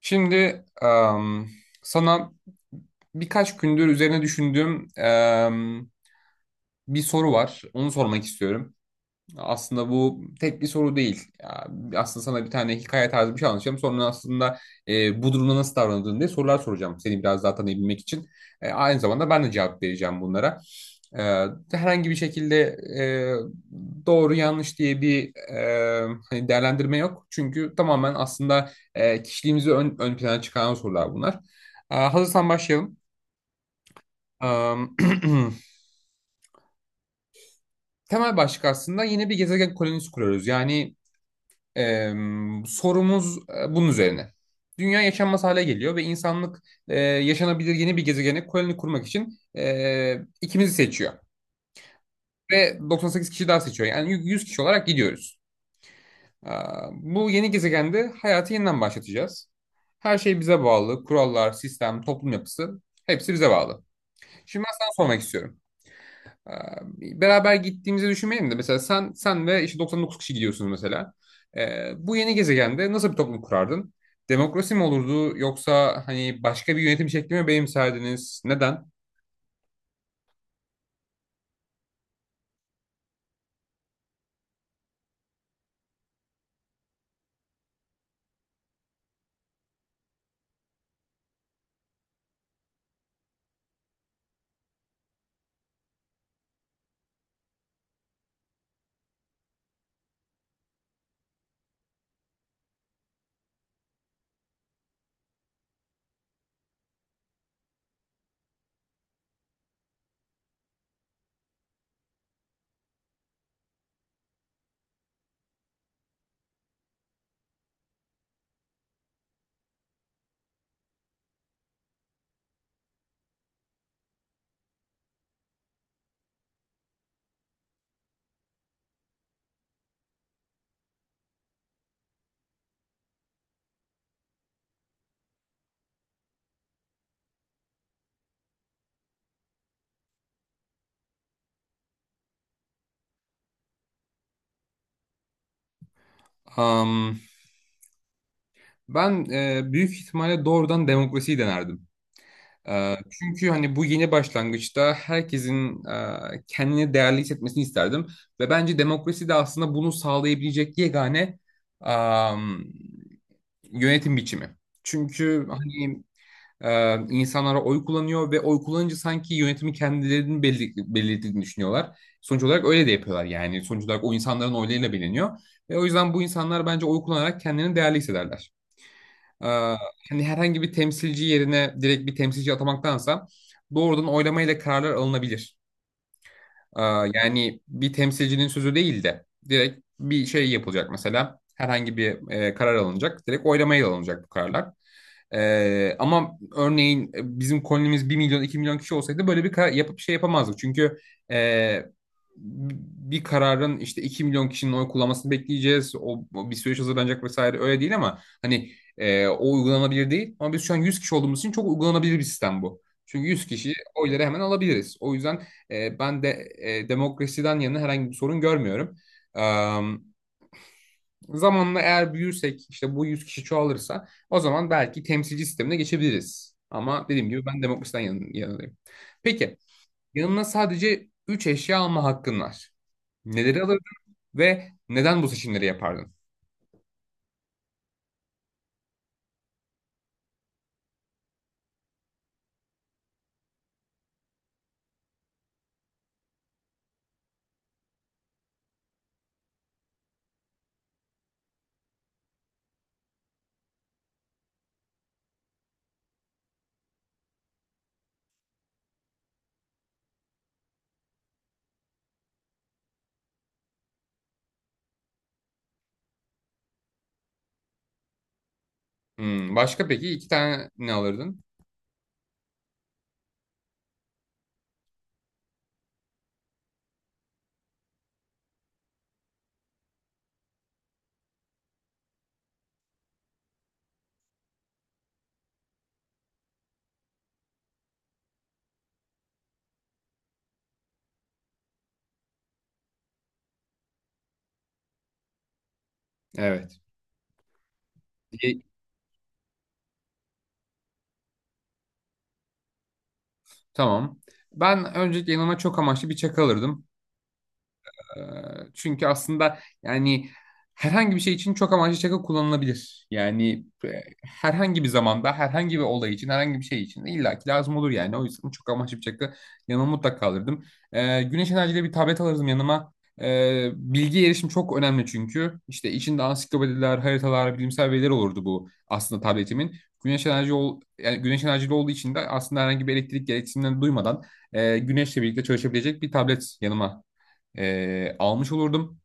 Şimdi sana birkaç gündür üzerine düşündüğüm bir soru var. Onu sormak istiyorum. Aslında bu tek bir soru değil. Ya, aslında sana bir tane hikaye tarzı bir şey anlatacağım. Sonra aslında bu durumda nasıl davrandığını diye sorular soracağım. Seni biraz daha tanıyabilmek için. Aynı zamanda ben de cevap vereceğim bunlara. E, Herhangi bir şekilde doğru yanlış diye bir hani değerlendirme yok. Çünkü tamamen aslında kişiliğimizi ön plana çıkaran sorular bunlar. Hazırsan başlayalım. E, Temel başlık aslında yine bir gezegen kolonisi kuruyoruz. Yani Ee, sorumuz bunun üzerine. Dünya yaşanmaz hale geliyor ve insanlık yaşanabilir yeni bir gezegene koloni kurmak için ikimizi seçiyor. Ve 98 kişi daha seçiyor. Yani 100 kişi olarak gidiyoruz. Bu yeni gezegende hayatı yeniden başlatacağız. Her şey bize bağlı. Kurallar, sistem, toplum yapısı hepsi bize bağlı. Şimdi ben sana sormak istiyorum. Ee, Beraber gittiğimizi düşünmeyelim de mesela sen ve işte 99 kişi gidiyorsunuz mesela. Bu yeni gezegende nasıl bir toplum kurardın? Demokrasi mi olurdu yoksa hani başka bir yönetim şekli mi benimserdiniz? Neden? Am, ben büyük ihtimalle doğrudan demokrasiyi denerdim. Çünkü hani bu yeni başlangıçta herkesin kendini değerli hissetmesini isterdim. Ve bence demokrasi de aslında bunu sağlayabilecek yegane am, yönetim biçimi. Çünkü hani insanlara oy kullanıyor ve oy kullanınca sanki yönetimi kendilerinin belirlediğini düşünüyorlar. Sonuç olarak öyle de yapıyorlar yani. Sonuç olarak o insanların oylarıyla biliniyor. Ve o yüzden bu insanlar bence oy kullanarak kendilerini değerli hissederler. E, Hani herhangi bir temsilci yerine direkt bir temsilci atamaktansa doğrudan oylamayla kararlar alınabilir. Yani bir temsilcinin sözü değil de direkt bir şey yapılacak mesela. Herhangi bir karar alınacak. Direkt oylamaya alınacak bu kararlar. Ama örneğin bizim kolonimiz 1 milyon 2 milyon kişi olsaydı böyle bir karar yapıp şey yapamazdık. Çünkü e, bir kararın işte 2 milyon kişinin oy kullanmasını bekleyeceğiz. O bir süreç hazırlanacak vesaire öyle değil ama hani o uygulanabilir değil. Ama biz şu an 100 kişi olduğumuz için çok uygulanabilir bir sistem bu. Çünkü 100 kişi oyları hemen alabiliriz. O yüzden ben de demokrasiden yana herhangi bir sorun görmüyorum. E, Zamanla eğer büyürsek işte bu 100 kişi çoğalırsa o zaman belki temsilci sistemine geçebiliriz. Ama dediğim gibi ben demokrasiden yanındayım. Peki yanına sadece 3 eşya alma hakkın var. Neleri alırdın ve neden bu seçimleri yapardın? Hmm, başka peki iki tane ne alırdın? Evet. Bir- Tamam. Ben öncelikle yanıma çok amaçlı bir çakı alırdım. Ee, Çünkü aslında yani herhangi bir şey için çok amaçlı şaka kullanılabilir. Yani herhangi bir zamanda, herhangi bir olay için, herhangi bir şey için de illaki lazım olur yani. O yüzden çok amaçlı bir şaka yanıma mutlaka alırdım. Güneş enerjili bir tablet alırdım yanıma. Bilgi erişim çok önemli çünkü. İşte içinde ansiklopediler, haritalar, bilimsel veriler olurdu bu aslında tabletimin. Yani güneş enerjili olduğu için de aslında herhangi bir elektrik gereksinimlerini duymadan güneşle birlikte çalışabilecek bir tablet yanıma almış olurdum.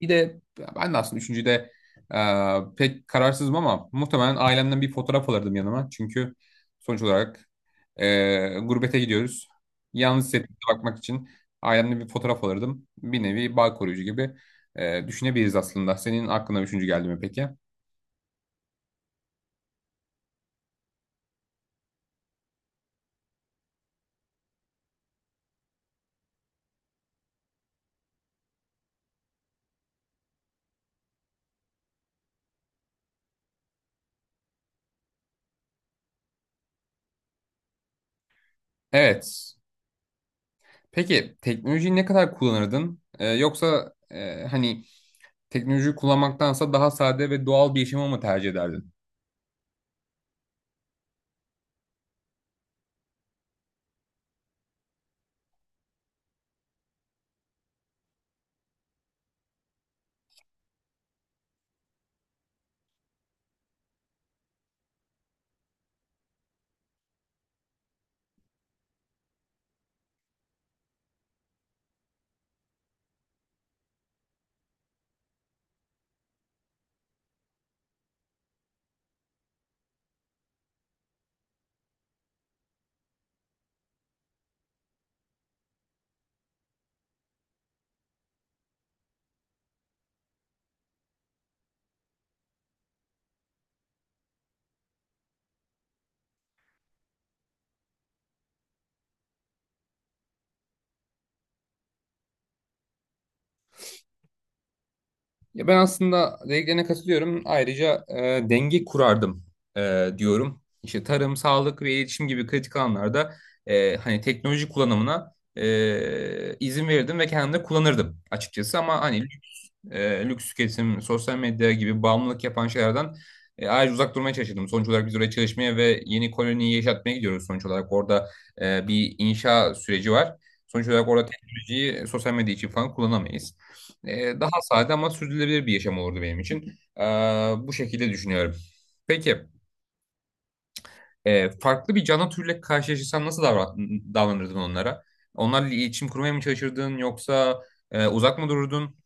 Bir de ben de aslında üçüncüde pek kararsızım ama muhtemelen ailemden bir fotoğraf alırdım yanıma. Çünkü sonuç olarak gurbete gidiyoruz. Yalnız hissettiğimize bakmak için ailemden bir fotoğraf alırdım. Bir nevi bağ koruyucu gibi düşünebiliriz aslında. Senin aklına üçüncü geldi mi peki? Evet. Peki teknolojiyi ne kadar kullanırdın? Yoksa hani teknolojiyi kullanmaktansa daha sade ve doğal bir yaşamı mı tercih ederdin? Ya ben aslında dediklerine katılıyorum. Ayrıca denge kurardım diyorum. İşte tarım, sağlık ve iletişim gibi kritik alanlarda hani teknoloji kullanımına izin verirdim ve kendim de kullanırdım açıkçası. Ama hani lüks tüketim, sosyal medya gibi bağımlılık yapan şeylerden ayrıca uzak durmaya çalışırdım. Sonuç olarak biz oraya çalışmaya ve yeni koloniyi yaşatmaya gidiyoruz sonuç olarak. Orada bir inşa süreci var. Sonuç olarak orada teknolojiyi sosyal medya için falan kullanamayız. Daha sade ama sürdürülebilir bir yaşam olurdu benim için. Bu şekilde düşünüyorum. Peki, farklı bir canlı türle karşılaşırsan nasıl davranırdın onlara? Onlarla iletişim kurmaya mı çalışırdın yoksa uzak mı dururdun?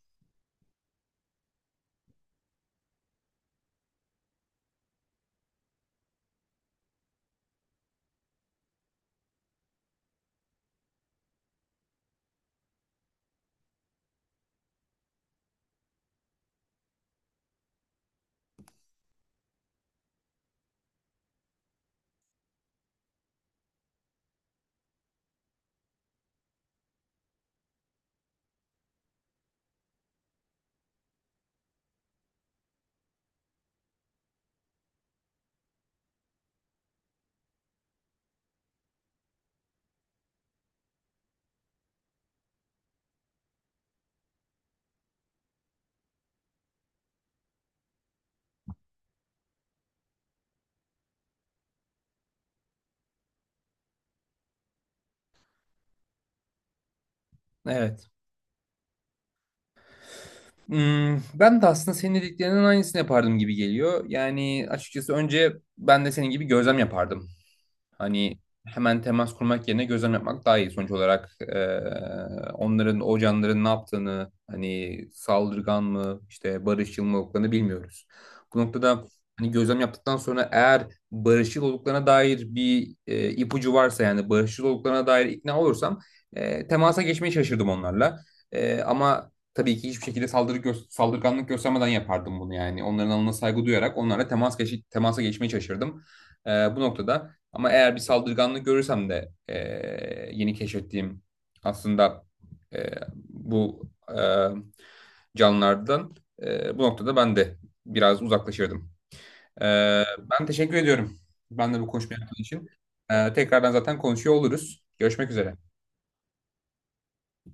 Evet. Hmm, ben de aslında senin dediklerinin aynısını yapardım gibi geliyor. Yani açıkçası önce ben de senin gibi gözlem yapardım. Hani hemen temas kurmak yerine gözlem yapmak daha iyi. Sonuç olarak onların, o canların ne yaptığını, hani saldırgan mı, işte barışçıl mı olduklarını bilmiyoruz. Bu noktada hani gözlem yaptıktan sonra eğer barışçıl olduklarına dair bir ipucu varsa yani barışçıl olduklarına dair ikna olursam temasa geçmeye şaşırdım onlarla. Ama tabii ki hiçbir şekilde saldırganlık göstermeden yapardım bunu yani. Onların alanına saygı duyarak onlarla temasa geçmeye çalışırdım. Ee, Bu noktada ama eğer bir saldırganlık görürsem de yeni keşfettiğim aslında e, bu canlılardan bu noktada ben de biraz uzaklaşırdım. E, Ben teşekkür ediyorum. Ben de bu konuşmayı yaptığın için. Tekrardan zaten konuşuyor oluruz. Görüşmek üzere.